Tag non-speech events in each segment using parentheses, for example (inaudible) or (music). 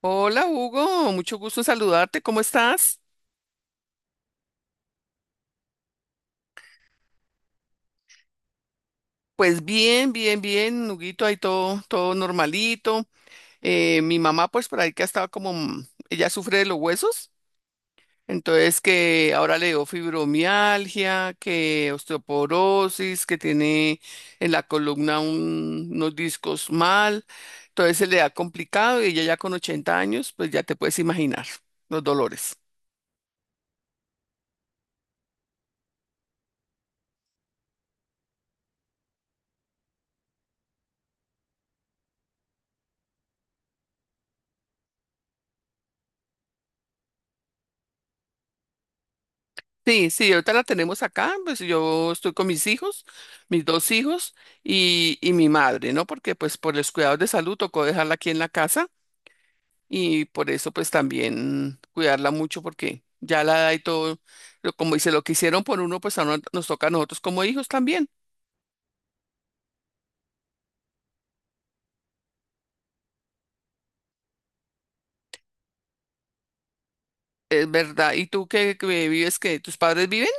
Hola Hugo, mucho gusto en saludarte, ¿cómo estás? Pues bien, Huguito, ahí todo normalito. Mi mamá, pues por ahí que ha estado ella sufre de los huesos, entonces que ahora le dio fibromialgia, que osteoporosis, que tiene en la columna unos discos mal, entonces se le ha complicado y ella ya con 80 años, pues ya te puedes imaginar los dolores. Sí, sí, ahorita la tenemos acá. Pues yo estoy con mis hijos, mis dos hijos y mi madre, ¿no? Porque pues por los cuidados de salud tocó dejarla aquí en la casa y por eso pues también cuidarla mucho porque ya la edad y todo, como dice, lo que hicieron por uno, pues ahora nos toca a nosotros como hijos también. Es verdad. ¿Y tú qué, qué vives? ¿Qué? ¿Tus padres viven?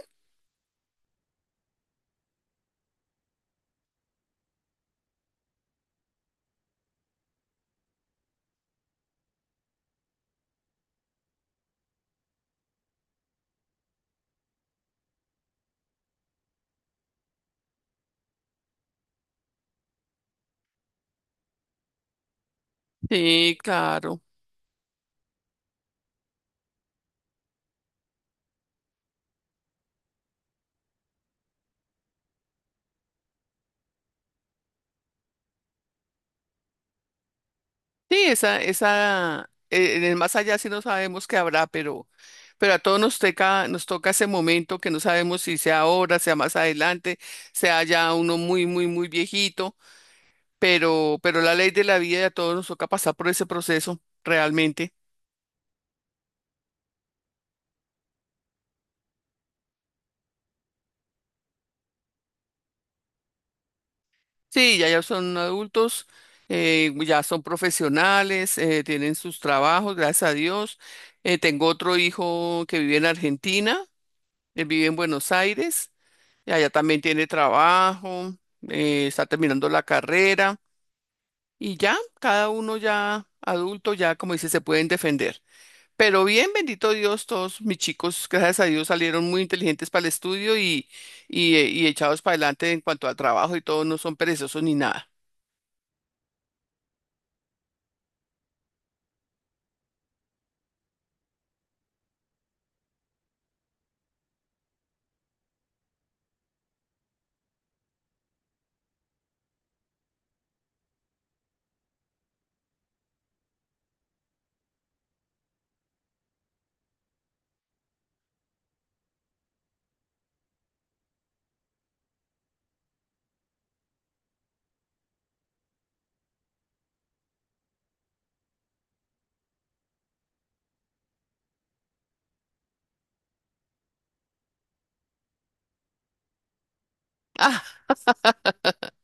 Sí, claro. Sí, en el más allá sí no sabemos qué habrá, pero a todos nos toca ese momento, que no sabemos si sea ahora, sea más adelante, sea ya uno muy viejito. Pero la ley de la vida, y a todos nos toca pasar por ese proceso realmente. Sí, ya son adultos, ya son profesionales, tienen sus trabajos, gracias a Dios. Tengo otro hijo que vive en Argentina, él vive en Buenos Aires, y allá también tiene trabajo. Está terminando la carrera y ya, cada uno ya adulto, ya como dice, se pueden defender. Pero bien, bendito Dios, todos mis chicos, gracias a Dios, salieron muy inteligentes para el estudio y echados para adelante en cuanto al trabajo y todo, no son perezosos ni nada. Ah,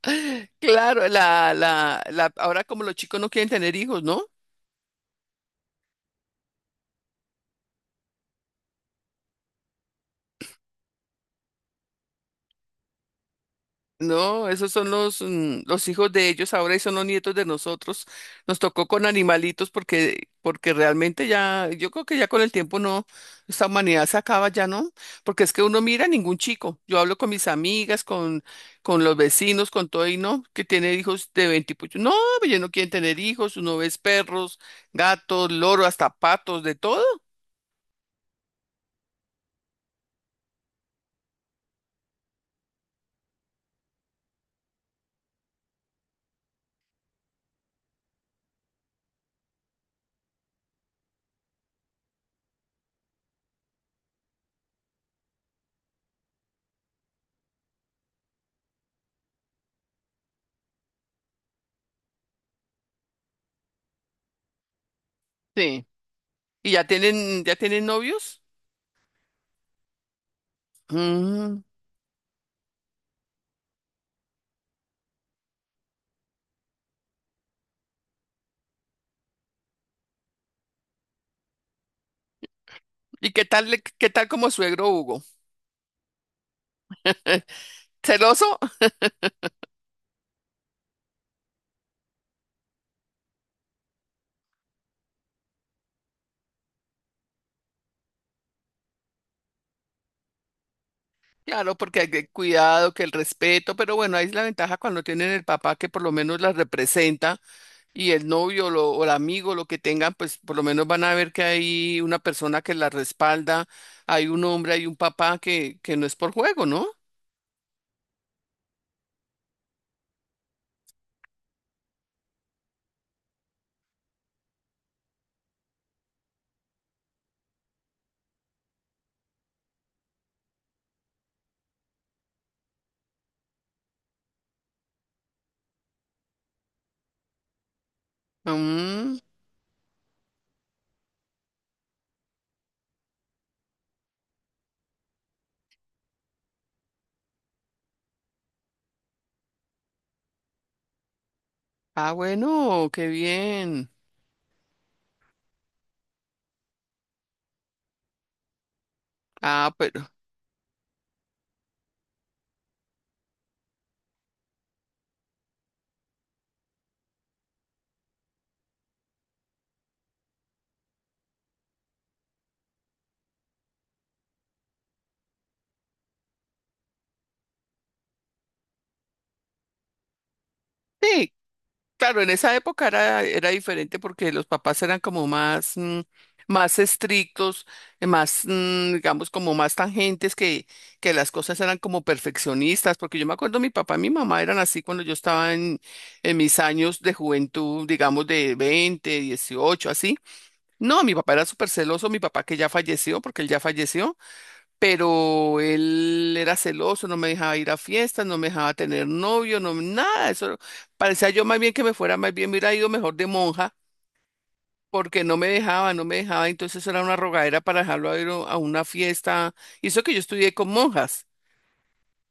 (laughs) claro, ahora como los chicos no quieren tener hijos, ¿no? No, esos son los hijos de ellos ahora y son los nietos de nosotros. Nos tocó con animalitos porque realmente ya, yo creo que ya con el tiempo no, esta humanidad se acaba ya, ¿no? Porque es que uno mira ningún chico. Yo hablo con mis amigas, con los vecinos, con todo y no, que tiene hijos de 20 y pucho. No, pues ya no quieren tener hijos, uno ves perros, gatos, loros, hasta patos, de todo. Sí. Y ya tienen novios. Mm. ¿Y qué tal, qué tal como suegro, Hugo? ¿Celoso? Claro, porque hay que cuidado, que el respeto, pero bueno, ahí es la ventaja cuando tienen el papá que por lo menos las representa, y el novio o el amigo, lo que tengan, pues por lo menos van a ver que hay una persona que la respalda, hay un hombre, hay un papá que no es por juego, ¿no? Mm, ah, bueno, qué bien. Ah, pero sí. Claro, en esa época era, era diferente porque los papás eran como más estrictos, digamos, como más tangentes, que las cosas eran como perfeccionistas, porque yo me acuerdo mi papá y mi mamá eran así cuando yo estaba en mis años de juventud, digamos, de 20, 18, así. No, mi papá era súper celoso, mi papá que ya falleció, porque él ya falleció, pero él era celoso, no me dejaba ir a fiestas, no me dejaba tener novio, no, nada. Eso parecía yo, más bien que me fuera, más bien me hubiera ido mejor de monja, porque no me dejaba, no me dejaba, entonces era una rogadera para dejarlo ir a una fiesta. Y eso que yo estudié con monjas,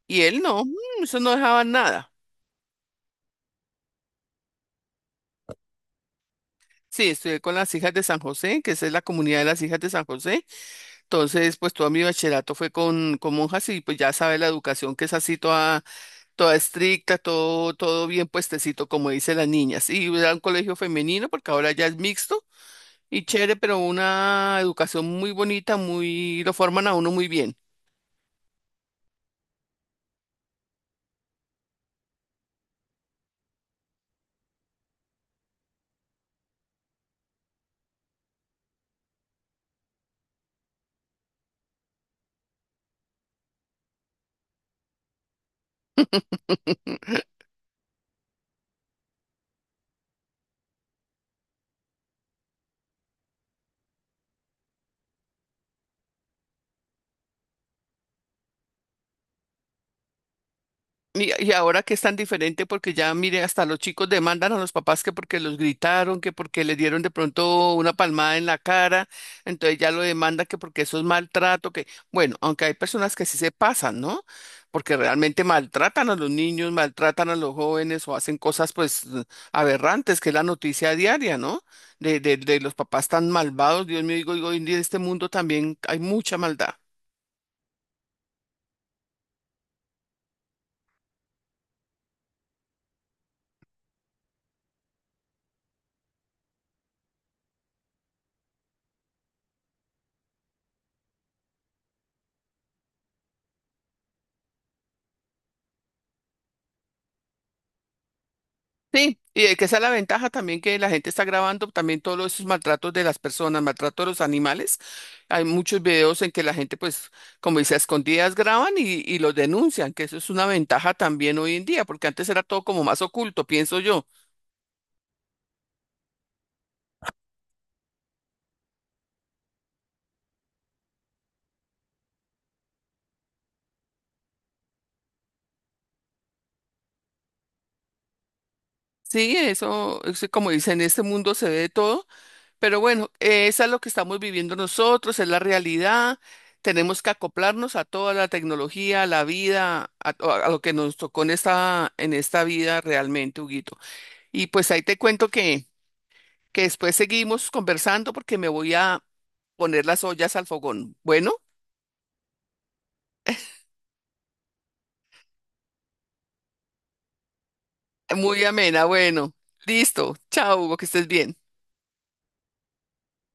y él no, eso no dejaba nada. Sí, estudié con las hijas de San José, que esa es la comunidad de las hijas de San José. Entonces, pues todo mi bachillerato fue con monjas y pues ya sabe, la educación que es así toda. Toda estricta, todo, todo bien puestecito, como dicen las niñas. Y era un colegio femenino, porque ahora ya es mixto y chévere, pero una educación muy bonita, muy, lo forman a uno muy bien. Y ahora que es tan diferente porque ya, mire, hasta los chicos demandan a los papás que porque los gritaron, que porque les dieron de pronto una palmada en la cara, entonces ya lo demanda que porque eso es maltrato, que bueno, aunque hay personas que sí se pasan, ¿no? Porque realmente maltratan a los niños, maltratan a los jóvenes o hacen cosas pues aberrantes, que es la noticia diaria, ¿no? De los papás tan malvados, Dios mío, digo, hoy en día en este mundo también hay mucha maldad. Sí, que esa es la ventaja también, que la gente está grabando también todos esos maltratos de las personas, maltrato de los animales. Hay muchos videos en que la gente, pues, como dice, a escondidas graban y los denuncian, que eso es una ventaja también hoy en día, porque antes era todo como más oculto, pienso yo. Sí, eso, como dice, en este mundo se ve de todo, pero bueno, esa es lo que estamos viviendo nosotros, es la realidad. Tenemos que acoplarnos a toda la tecnología, a la vida, a lo que nos tocó en en esta vida realmente, Huguito. Y pues ahí te cuento que después seguimos conversando porque me voy a poner las ollas al fogón. Bueno, muy amena, bueno. Listo. Chao, Hugo, que estés bien.